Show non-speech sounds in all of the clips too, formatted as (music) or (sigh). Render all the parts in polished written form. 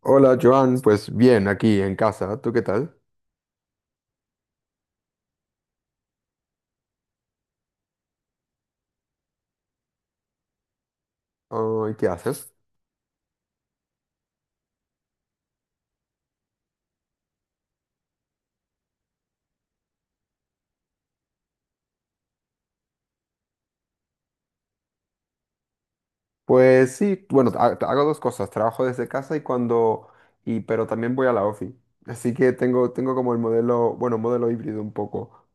Hola Joan, pues bien, aquí en casa, ¿tú qué tal? Ah, ¿y qué haces? Pues sí, bueno, hago dos cosas, trabajo desde casa y pero también voy a la ofi, así que tengo, tengo como el modelo, bueno, modelo híbrido un poco.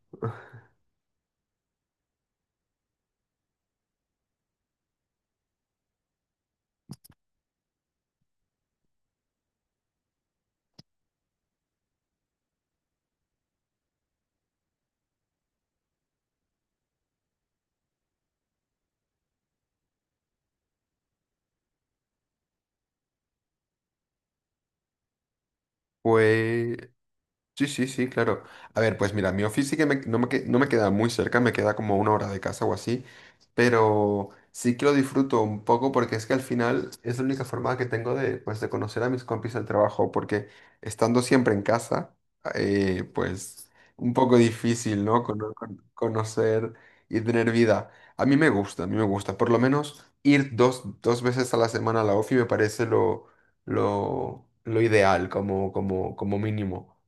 Pues sí, sí, sí, claro. A ver, pues mira, mi office sí que no me queda muy cerca, me queda como una hora de casa o así, pero sí que lo disfruto un poco porque es que al final es la única forma que tengo de, pues, de conocer a mis compis del trabajo, porque estando siempre en casa, pues un poco difícil, ¿no? Conocer y tener vida. A mí me gusta, a mí me gusta. Por lo menos ir dos, dos veces a la semana a la ofi me parece lo ideal como, como, como mínimo.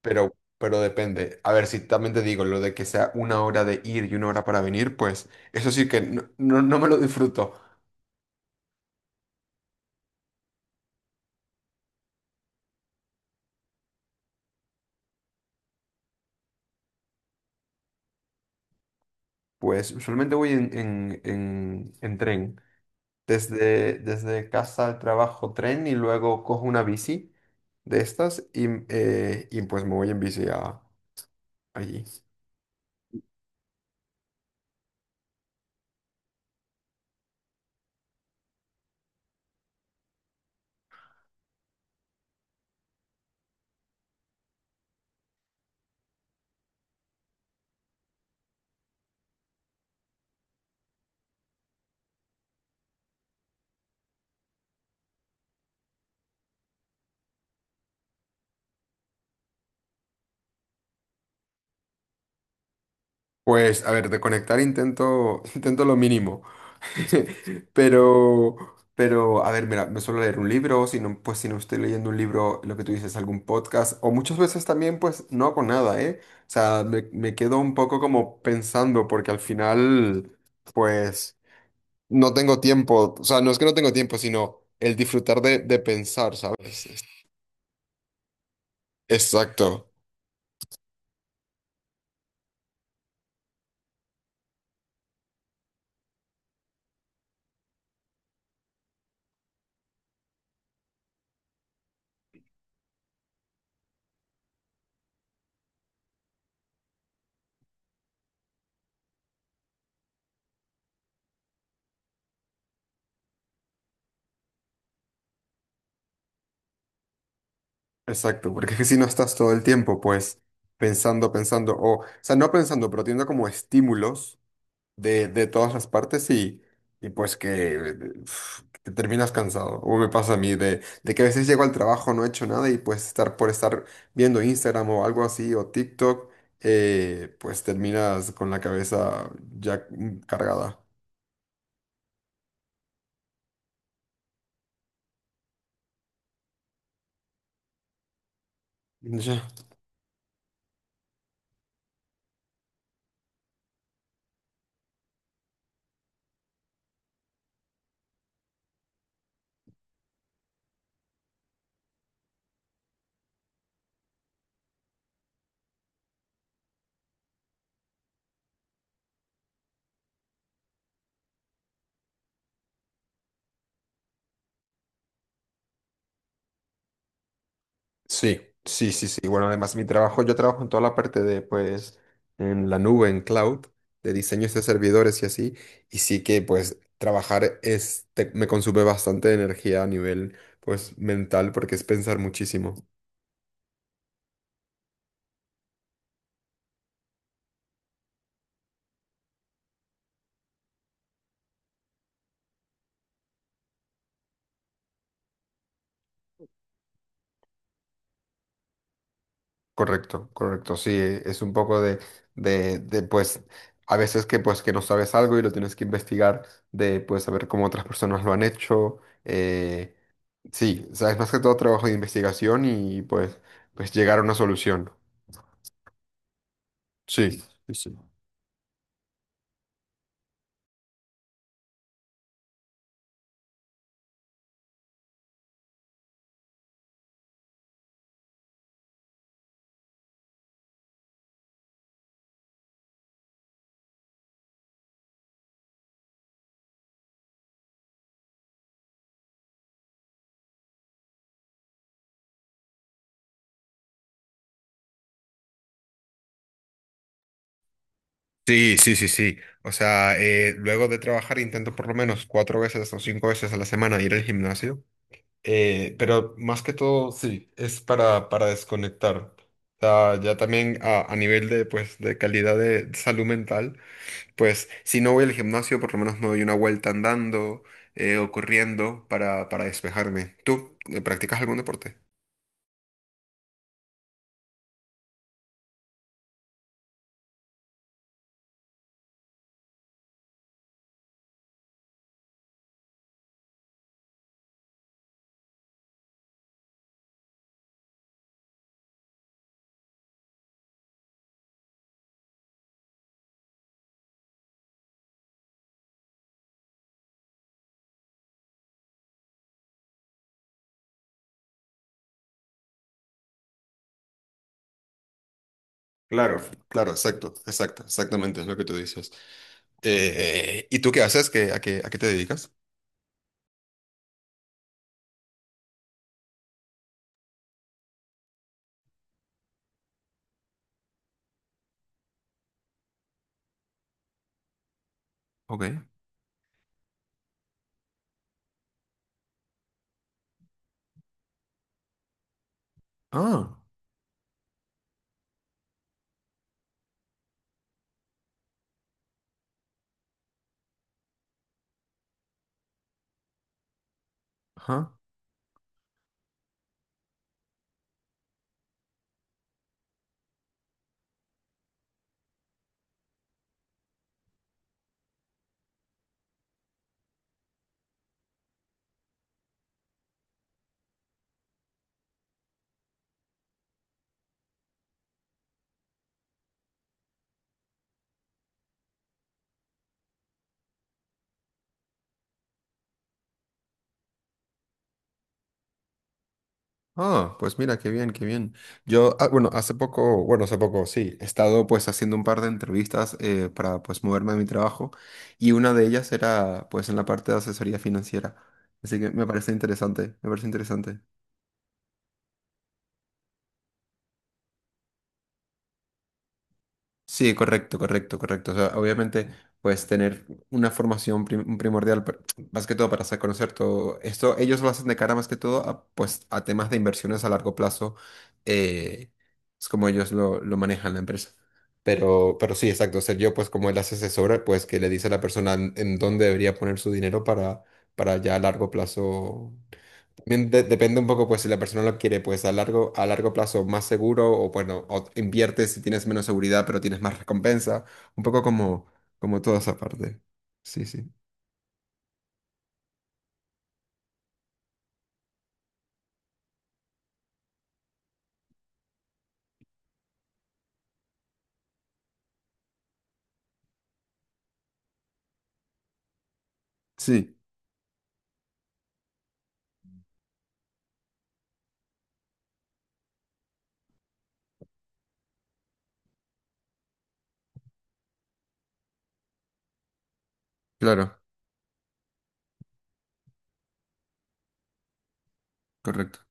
Pero depende. A ver, si también te digo, lo de que sea una hora de ir y una hora para venir, pues eso sí que no, no me lo disfruto. Pues usualmente voy en tren. Desde, desde casa al trabajo tren y luego cojo una bici de estas y y pues me voy en bici a, allí. Pues, a ver, de conectar intento, (laughs) intento lo mínimo. (laughs) Pero, pero, a ver, mira, me suelo leer un libro, si no, pues si no estoy leyendo un libro, lo que tú dices, algún podcast, o muchas veces también, pues no hago nada, ¿eh? O sea, me quedo un poco como pensando, porque al final, pues, no tengo tiempo. O sea, no es que no tengo tiempo, sino el disfrutar de pensar, ¿sabes? Exacto. Exacto, porque es que si no estás todo el tiempo, pues, pensando, pensando, o sea, no pensando, pero teniendo como estímulos de todas las partes y pues que uf, te terminas cansado. O me pasa a mí de que a veces llego al trabajo, no he hecho nada y pues estar por estar viendo Instagram o algo así, o TikTok, pues terminas con la cabeza ya cargada. Ya. Sí, sí, sí, sí. Bueno, además mi trabajo, yo trabajo en toda la parte de, pues, en la nube, en cloud, de diseños de servidores y así. Y sí que, pues, trabajar es, me consume bastante energía a nivel, pues, mental, porque es pensar muchísimo. Correcto, correcto. Sí, es un poco de, pues, a veces que, pues, que no sabes algo y lo tienes que investigar, de, pues, saber cómo otras personas lo han hecho. eh, sí, o sea, es más que todo trabajo de investigación y, pues llegar a una solución. Sí, sí, sí. Sí, sí, sí, sí. O sea, luego de trabajar intento por lo menos cuatro veces o cinco veces a la semana ir al gimnasio. Pero más que todo, sí, es para desconectar. O sea, ya también a nivel de, pues, de calidad de salud mental, pues si no voy al gimnasio, por lo menos me doy una vuelta andando o corriendo para despejarme. ¿Tú practicas algún deporte? Claro, claro, exacto, exacto, exactamente es lo que tú dices. ¿Y tú qué haces? ¿Qué, a qué, a qué te dedicas? Ok. Ah, ajá. Ah, pues mira, qué bien, qué bien. Yo, ah, bueno, hace poco, sí, he estado pues haciendo un par de entrevistas para pues moverme de mi trabajo y una de ellas era pues en la parte de asesoría financiera. Así que me parece interesante, me parece interesante. Sí, correcto, correcto, correcto. O sea, obviamente, pues tener una formación primordial, más que todo para hacer conocer todo esto, ellos lo hacen de cara más que todo a, pues, a temas de inversiones a largo plazo, eh, es como ellos lo manejan la empresa. Pero sí, exacto. O sea, yo, pues como él hace asesora, pues que le dice a la persona en dónde debería poner su dinero para ya a largo plazo también depende un poco, pues, si la persona lo quiere, pues, a largo plazo más seguro o, bueno, o inviertes si tienes menos seguridad, pero tienes más recompensa. Un poco como, como toda esa parte. Sí, sí. Sí, claro, correcto.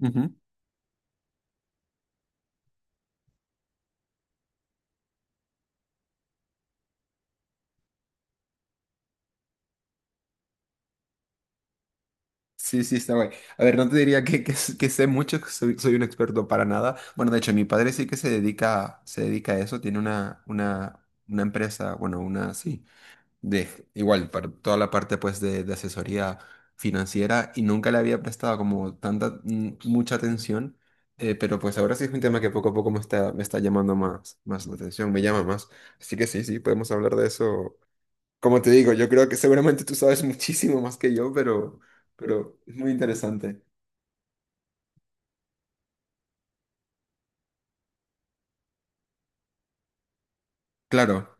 Ujú. Sí, sí, está guay. A ver, no te diría que sé mucho, que soy, soy un experto para nada. Bueno, de hecho, mi padre sí que se dedica a eso, tiene una empresa, bueno, una, sí. De igual, para toda la parte pues de asesoría financiera y nunca le había prestado como tanta, mucha atención, pero pues ahora sí es un tema que poco a poco me está llamando más, más la atención, me llama más. Así que sí, sí, podemos hablar de eso. Como te digo, yo creo que seguramente tú sabes muchísimo más que yo, pero es muy interesante. Claro,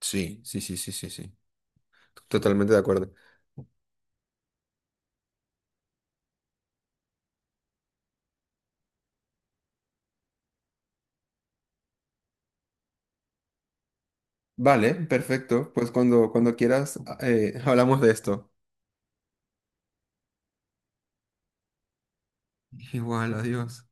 sí, sí, sí, sí, sí, sí. Totalmente de acuerdo. Vale, perfecto. Pues cuando, cuando quieras, hablamos de esto. Igual, adiós.